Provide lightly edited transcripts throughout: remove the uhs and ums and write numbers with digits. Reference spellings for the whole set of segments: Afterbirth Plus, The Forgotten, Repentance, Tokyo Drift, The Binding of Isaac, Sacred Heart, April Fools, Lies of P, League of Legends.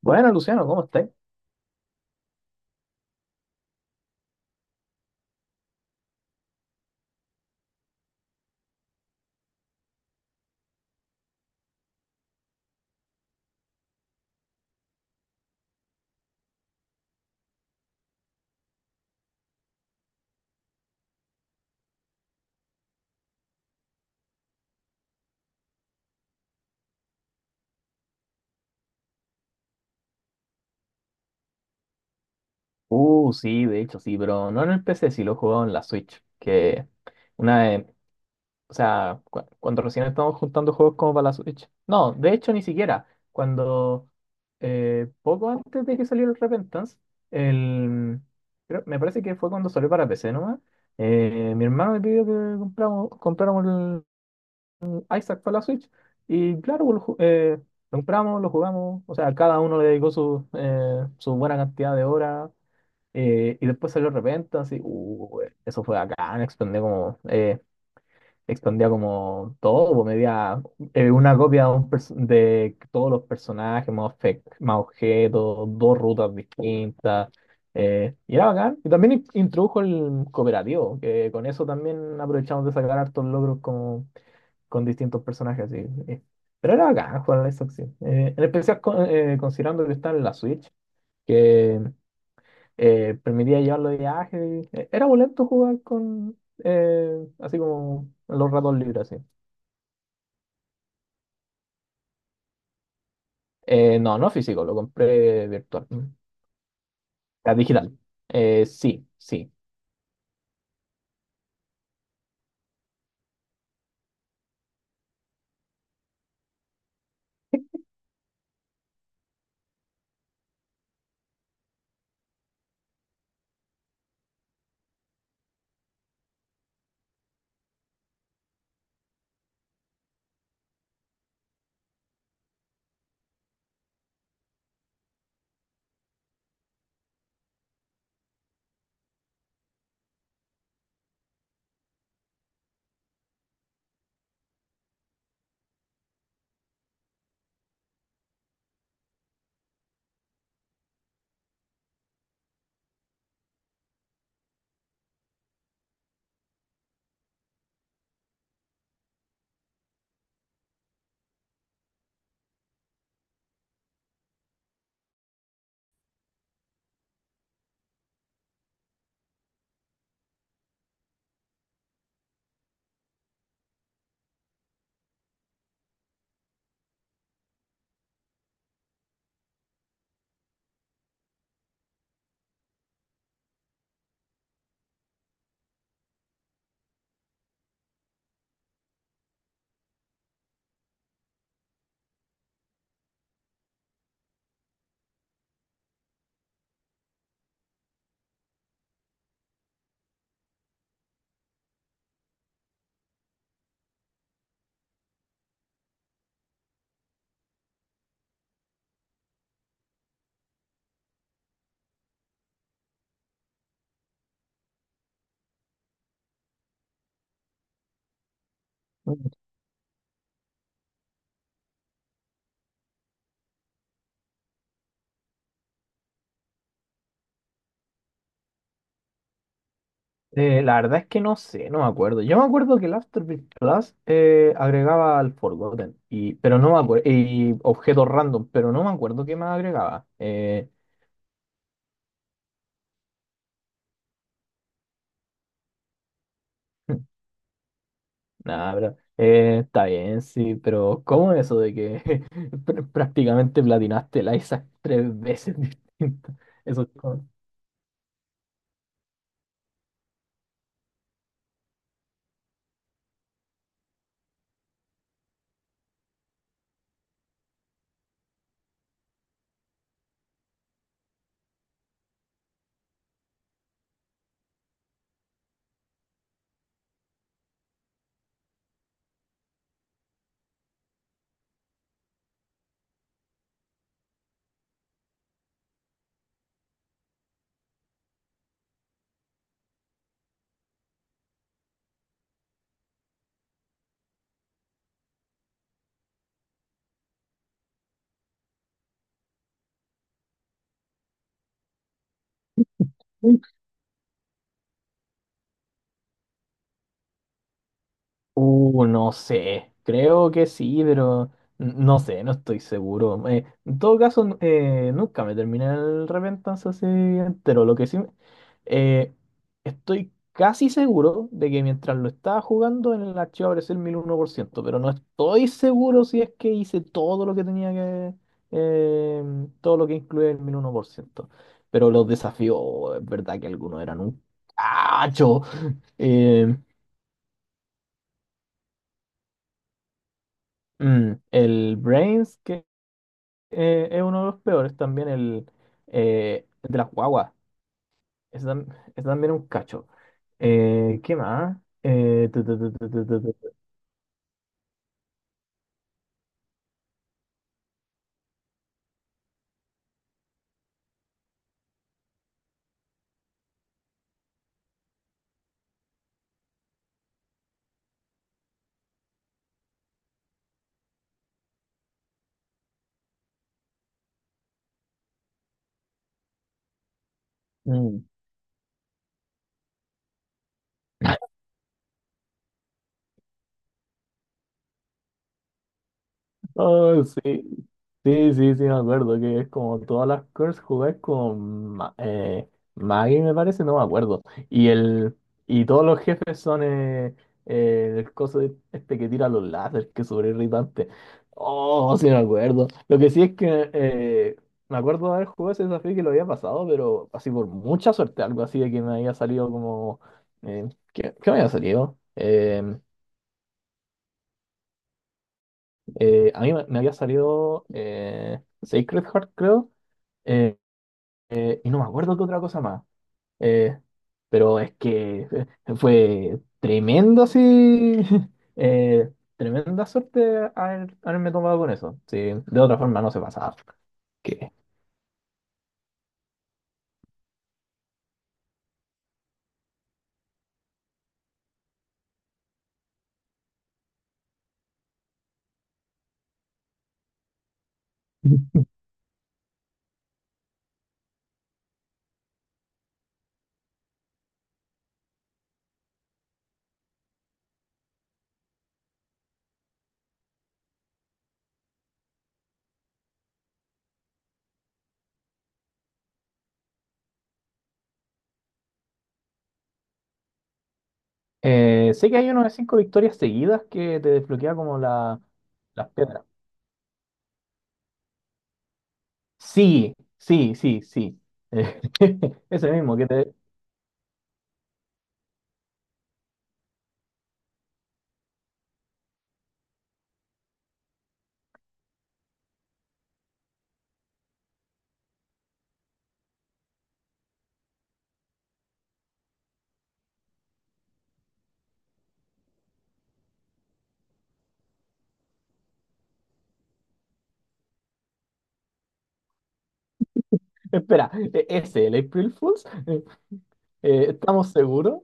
Bueno, Luciano, ¿cómo estás? Sí, de hecho, sí, pero no en el PC, sí lo he jugado en la Switch, que una vez. O sea, cuando recién estábamos juntando juegos como para la Switch. No, de hecho, ni siquiera. Cuando, Poco antes de que saliera el Repentance, el, me parece que fue cuando salió para PC nomás, mi hermano me pidió que compráramos el Isaac para la Switch, y claro, pues, lo compramos, lo jugamos, o sea, cada uno le dedicó su buena cantidad de horas. Y después salió Repenta, así. Eso fue bacán, expandía como todo, pues, medía una copia de de todos los personajes, más objetos, dos rutas distintas, y era bacán. Y también introdujo el cooperativo, que con eso también aprovechamos de sacar hartos logros como, con distintos personajes, así. eh. Pero era bacán jugar a la Lies of P. En especial considerando que está en la Switch, permitía llevarlo de viaje. Era boleto jugar con, así como los ratos libres, así. No, no físico, lo compré virtual, la digital. Sí, sí. La verdad es que no sé, no me acuerdo. Yo me acuerdo que el Afterbirth Plus agregaba al Forgotten, pero no me acuerdo, y objetos random, pero no me acuerdo qué más agregaba. Nada, pero está bien, sí, pero ¿cómo es eso de que prácticamente platinaste el Isaac tres veces distintas? Eso es como... No sé, creo que sí, pero no sé, no estoy seguro. En todo caso, nunca me terminé el Repentance así entero. Lo que sí, eh, estoy casi seguro de que mientras lo estaba jugando en el archivo apareció el 1001%, pero no estoy seguro si es que hice todo lo que tenía que, eh, todo lo que incluía el 1001%. Pero los desafíos, es verdad que algunos eran un cacho. em, Mm, el Brains, que es uno de los peores, también el de las guaguas. Ese, tam- ese también es un cacho. ¿Qué más? Tu, tu, tu, tu, tu, tu, tu, tu. Mm. Oh, sí. Sí, sí, sí, me acuerdo que es como todas las curves jugáis con Maggie, me parece, no me acuerdo. Y el y todos los jefes son el coso, este que tira los láseres, que es súper irritante. Oh, sí, me acuerdo. Lo que sí es que me acuerdo de haber jugado ese desafío y que lo había pasado, pero así por mucha suerte, algo así de que me había salido como. Eh, ¿qué, qué me había salido? A mí me había salido Sacred Heart, creo, eh, y no me acuerdo qué otra cosa más. Eh, pero es que fue tremendo, así, eh, tremenda suerte haberme tomado con eso. Sí, de otra forma no se pasaba. Que- eh, sé que hay unas 5 victorias seguidas que te desbloquea como las piedras. Sí, sí, sí, sí. Eh, ese mismo que te... Espera, ese, el April Fools. Eh, ¿estamos seguros?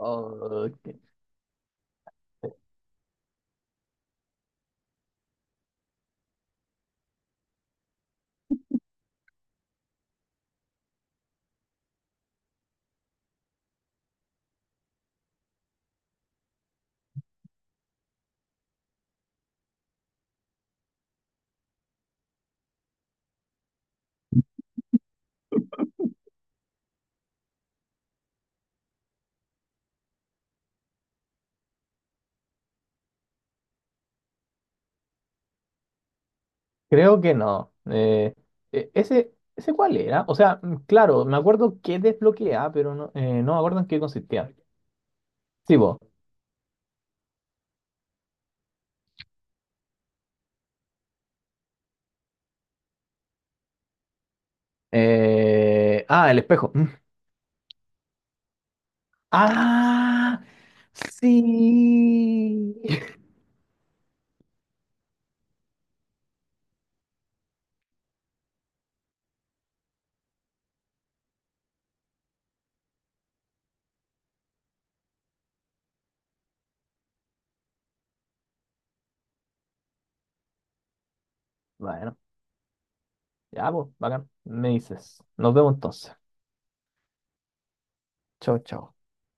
Oh, que- creo que no. Ese, ¿ese cuál era? O sea, mm, claro, me acuerdo que desbloqueaba, pero no, no me acuerdo en qué consistía. Sí, po. Ah, el espejo. Mm. ¡Ah! Sí. Bueno, ya, pues, bacán. Me dices. Nos vemos entonces. Chau, chau.